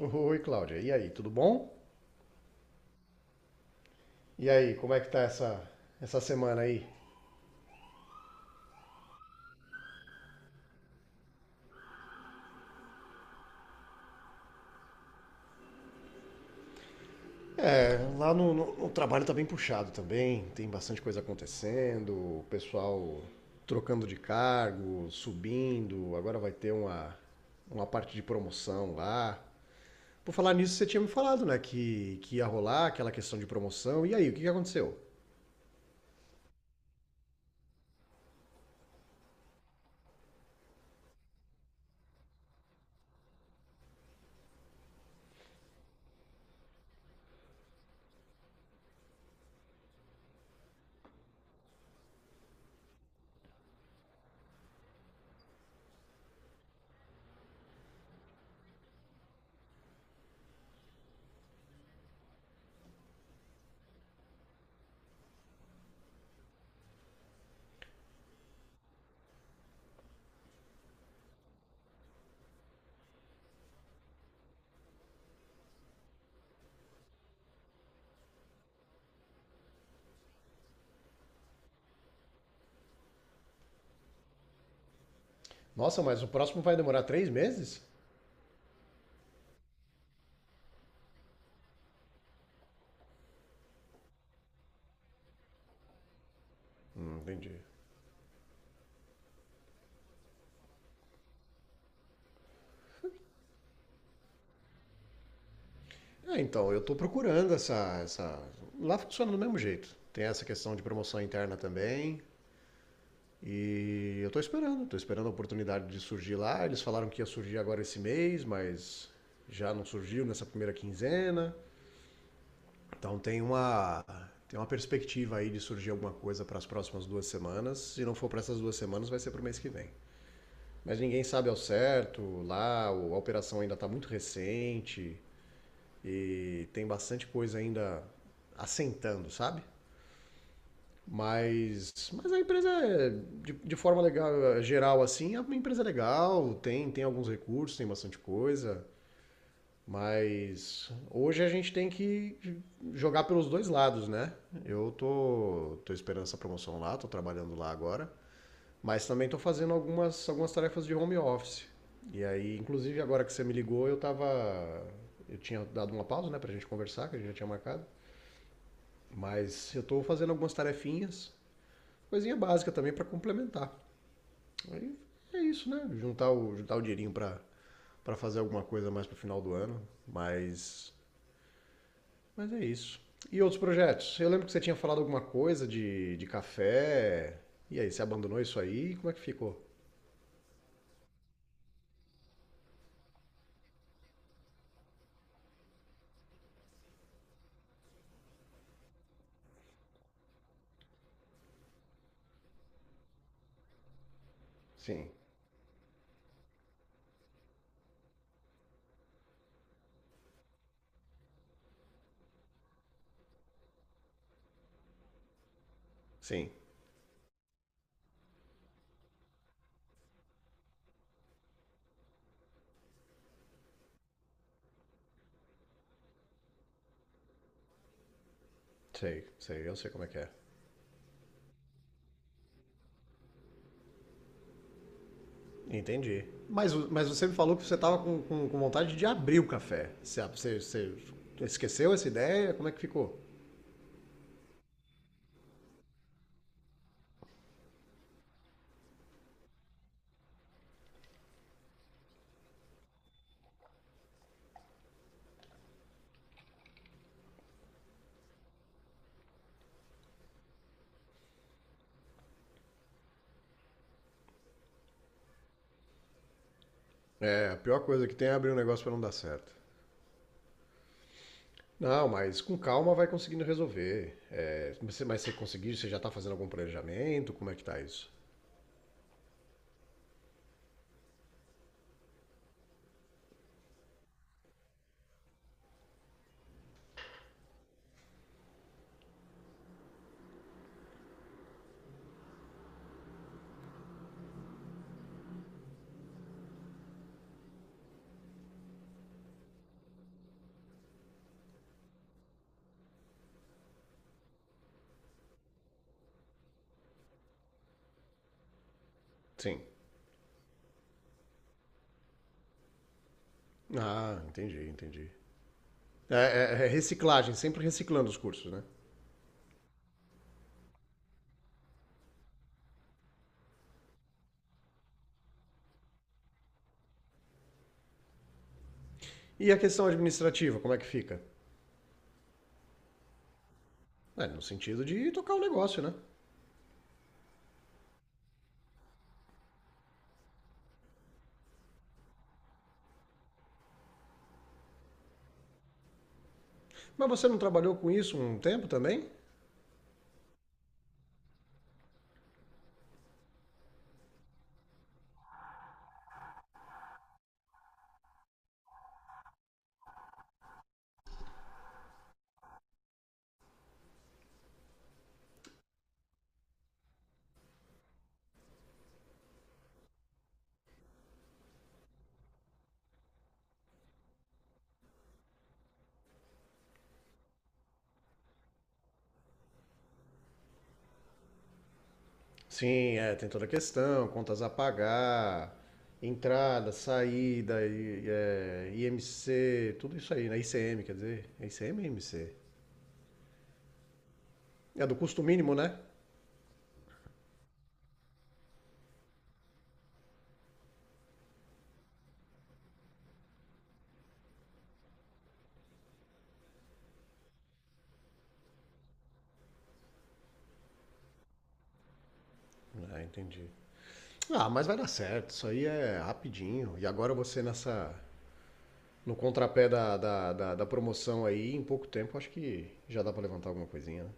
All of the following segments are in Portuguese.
Oi, Cláudia. E aí, tudo bom? E aí, como é que tá essa semana aí? É, lá no trabalho tá bem puxado também, tem bastante coisa acontecendo, o pessoal trocando de cargo, subindo, agora vai ter uma parte de promoção lá. Por falar nisso, você tinha me falado, né, que ia rolar aquela questão de promoção. E aí, o que que aconteceu? Nossa, mas o próximo vai demorar 3 meses? Entendi. É, então, eu estou procurando essa. Lá funciona do mesmo jeito. Tem essa questão de promoção interna também. E eu estou esperando a oportunidade de surgir lá. Eles falaram que ia surgir agora esse mês, mas já não surgiu nessa primeira quinzena. Então tem uma perspectiva aí de surgir alguma coisa para as próximas 2 semanas. Se não for para essas 2 semanas, vai ser para o mês que vem. Mas ninguém sabe ao certo. Lá a operação ainda está muito recente. E tem bastante coisa ainda assentando, sabe? Mas a empresa, é, de forma legal, geral, assim, é uma empresa legal, tem alguns recursos, tem bastante coisa. Mas hoje a gente tem que jogar pelos dois lados, né? Eu tô esperando essa promoção lá, tô trabalhando lá agora, mas também tô fazendo algumas tarefas de home office. E aí, inclusive agora que você me ligou, eu tava. Eu tinha dado uma pausa, né, pra gente conversar, que a gente já tinha marcado. Mas eu estou fazendo algumas tarefinhas, coisinha básica também para complementar. Aí é isso, né? Juntar o dinheirinho para fazer alguma coisa mais pro final do ano, mas é isso. E outros projetos? Eu lembro que você tinha falado alguma coisa de café. E aí, você abandonou isso aí? Como é que ficou? Sim, sim, sei, sei, eu sei como é que é. Entendi. Mas você me falou que você tava com vontade de abrir o café. Você esqueceu essa ideia? Como é que ficou? É, a pior coisa que tem é abrir um negócio pra não dar certo. Não, mas com calma vai conseguindo resolver. É, mas você conseguiu, você já tá fazendo algum planejamento? Como é que tá isso? Sim. Ah, entendi, entendi. É, é reciclagem, sempre reciclando os cursos, né? E a questão administrativa, como é que fica? É, no sentido de tocar o negócio, né? Mas você não trabalhou com isso um tempo também? Sim, é, tem toda a questão, contas a pagar, entrada, saída, é, IMC, tudo isso aí, né? ICM, quer dizer, é ICM e IMC. É do custo mínimo, né? Ah, entendi. Ah, mas vai dar certo, isso aí é rapidinho. E agora você nessa, no contrapé da promoção aí, em pouco tempo, acho que já dá pra levantar alguma coisinha, né?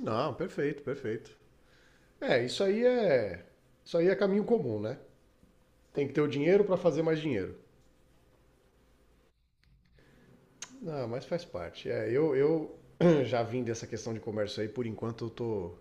Não, perfeito, perfeito. É, isso aí é caminho comum, né? Tem que ter o dinheiro pra fazer mais dinheiro. Não, mas faz parte. É, eu já vim dessa questão de comércio aí, por enquanto eu tô,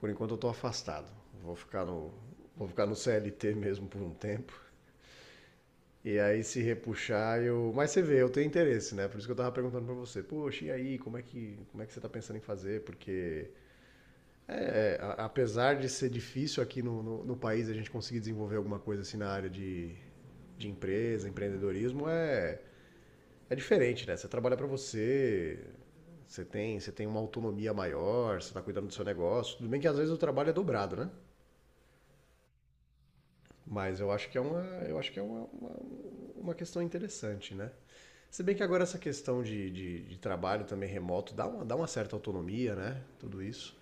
por enquanto eu tô afastado. Vou ficar no, vou ficar no CLT mesmo por um tempo. E aí se repuxar, mas você vê, eu tenho interesse, né? Por isso que eu tava perguntando para você. Poxa, e aí, como é que você tá pensando em fazer? Porque é, apesar de ser difícil aqui no país a gente conseguir desenvolver alguma coisa assim na área de empresa, empreendedorismo É diferente, né? Você trabalha para você, você tem uma autonomia maior, você está cuidando do seu negócio. Tudo bem que às vezes o trabalho é dobrado, né? Mas eu acho que é uma questão interessante, né? Se bem que agora essa questão de trabalho também remoto dá uma certa autonomia, né? Tudo isso.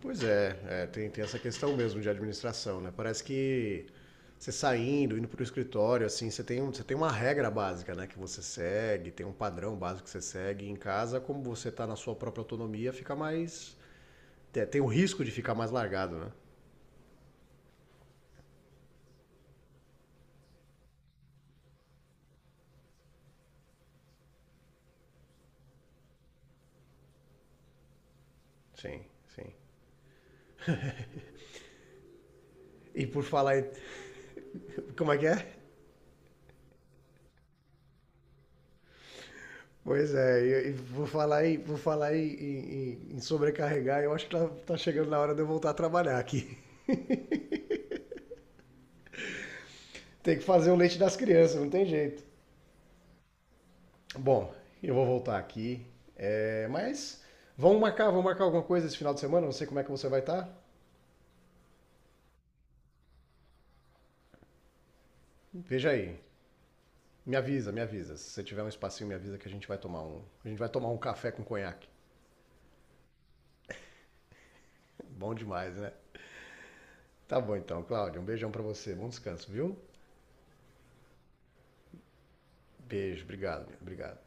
Pois é, tem essa questão mesmo de administração, né? Parece que você saindo, indo para o escritório, assim, você tem uma regra básica, né? Que você segue, tem um padrão básico que você segue. Em casa, como você está na sua própria autonomia, fica mais. Tem o risco de ficar mais largado, né? Sim, sim. E por falar em... Como é que é? Pois é, vou falar em sobrecarregar, eu acho que tá chegando na hora de eu voltar a trabalhar aqui. Tem que fazer o leite das crianças, não tem jeito. Bom, eu vou voltar aqui. É, mas vamos marcar alguma coisa esse final de semana. Não sei como é que você vai estar. Veja aí. Me avisa, me avisa. Se você tiver um espacinho, me avisa que a gente vai tomar um café com conhaque. Bom demais, né? Tá bom então, Cláudio. Um beijão pra você. Bom descanso, viu? Beijo, obrigado, obrigado.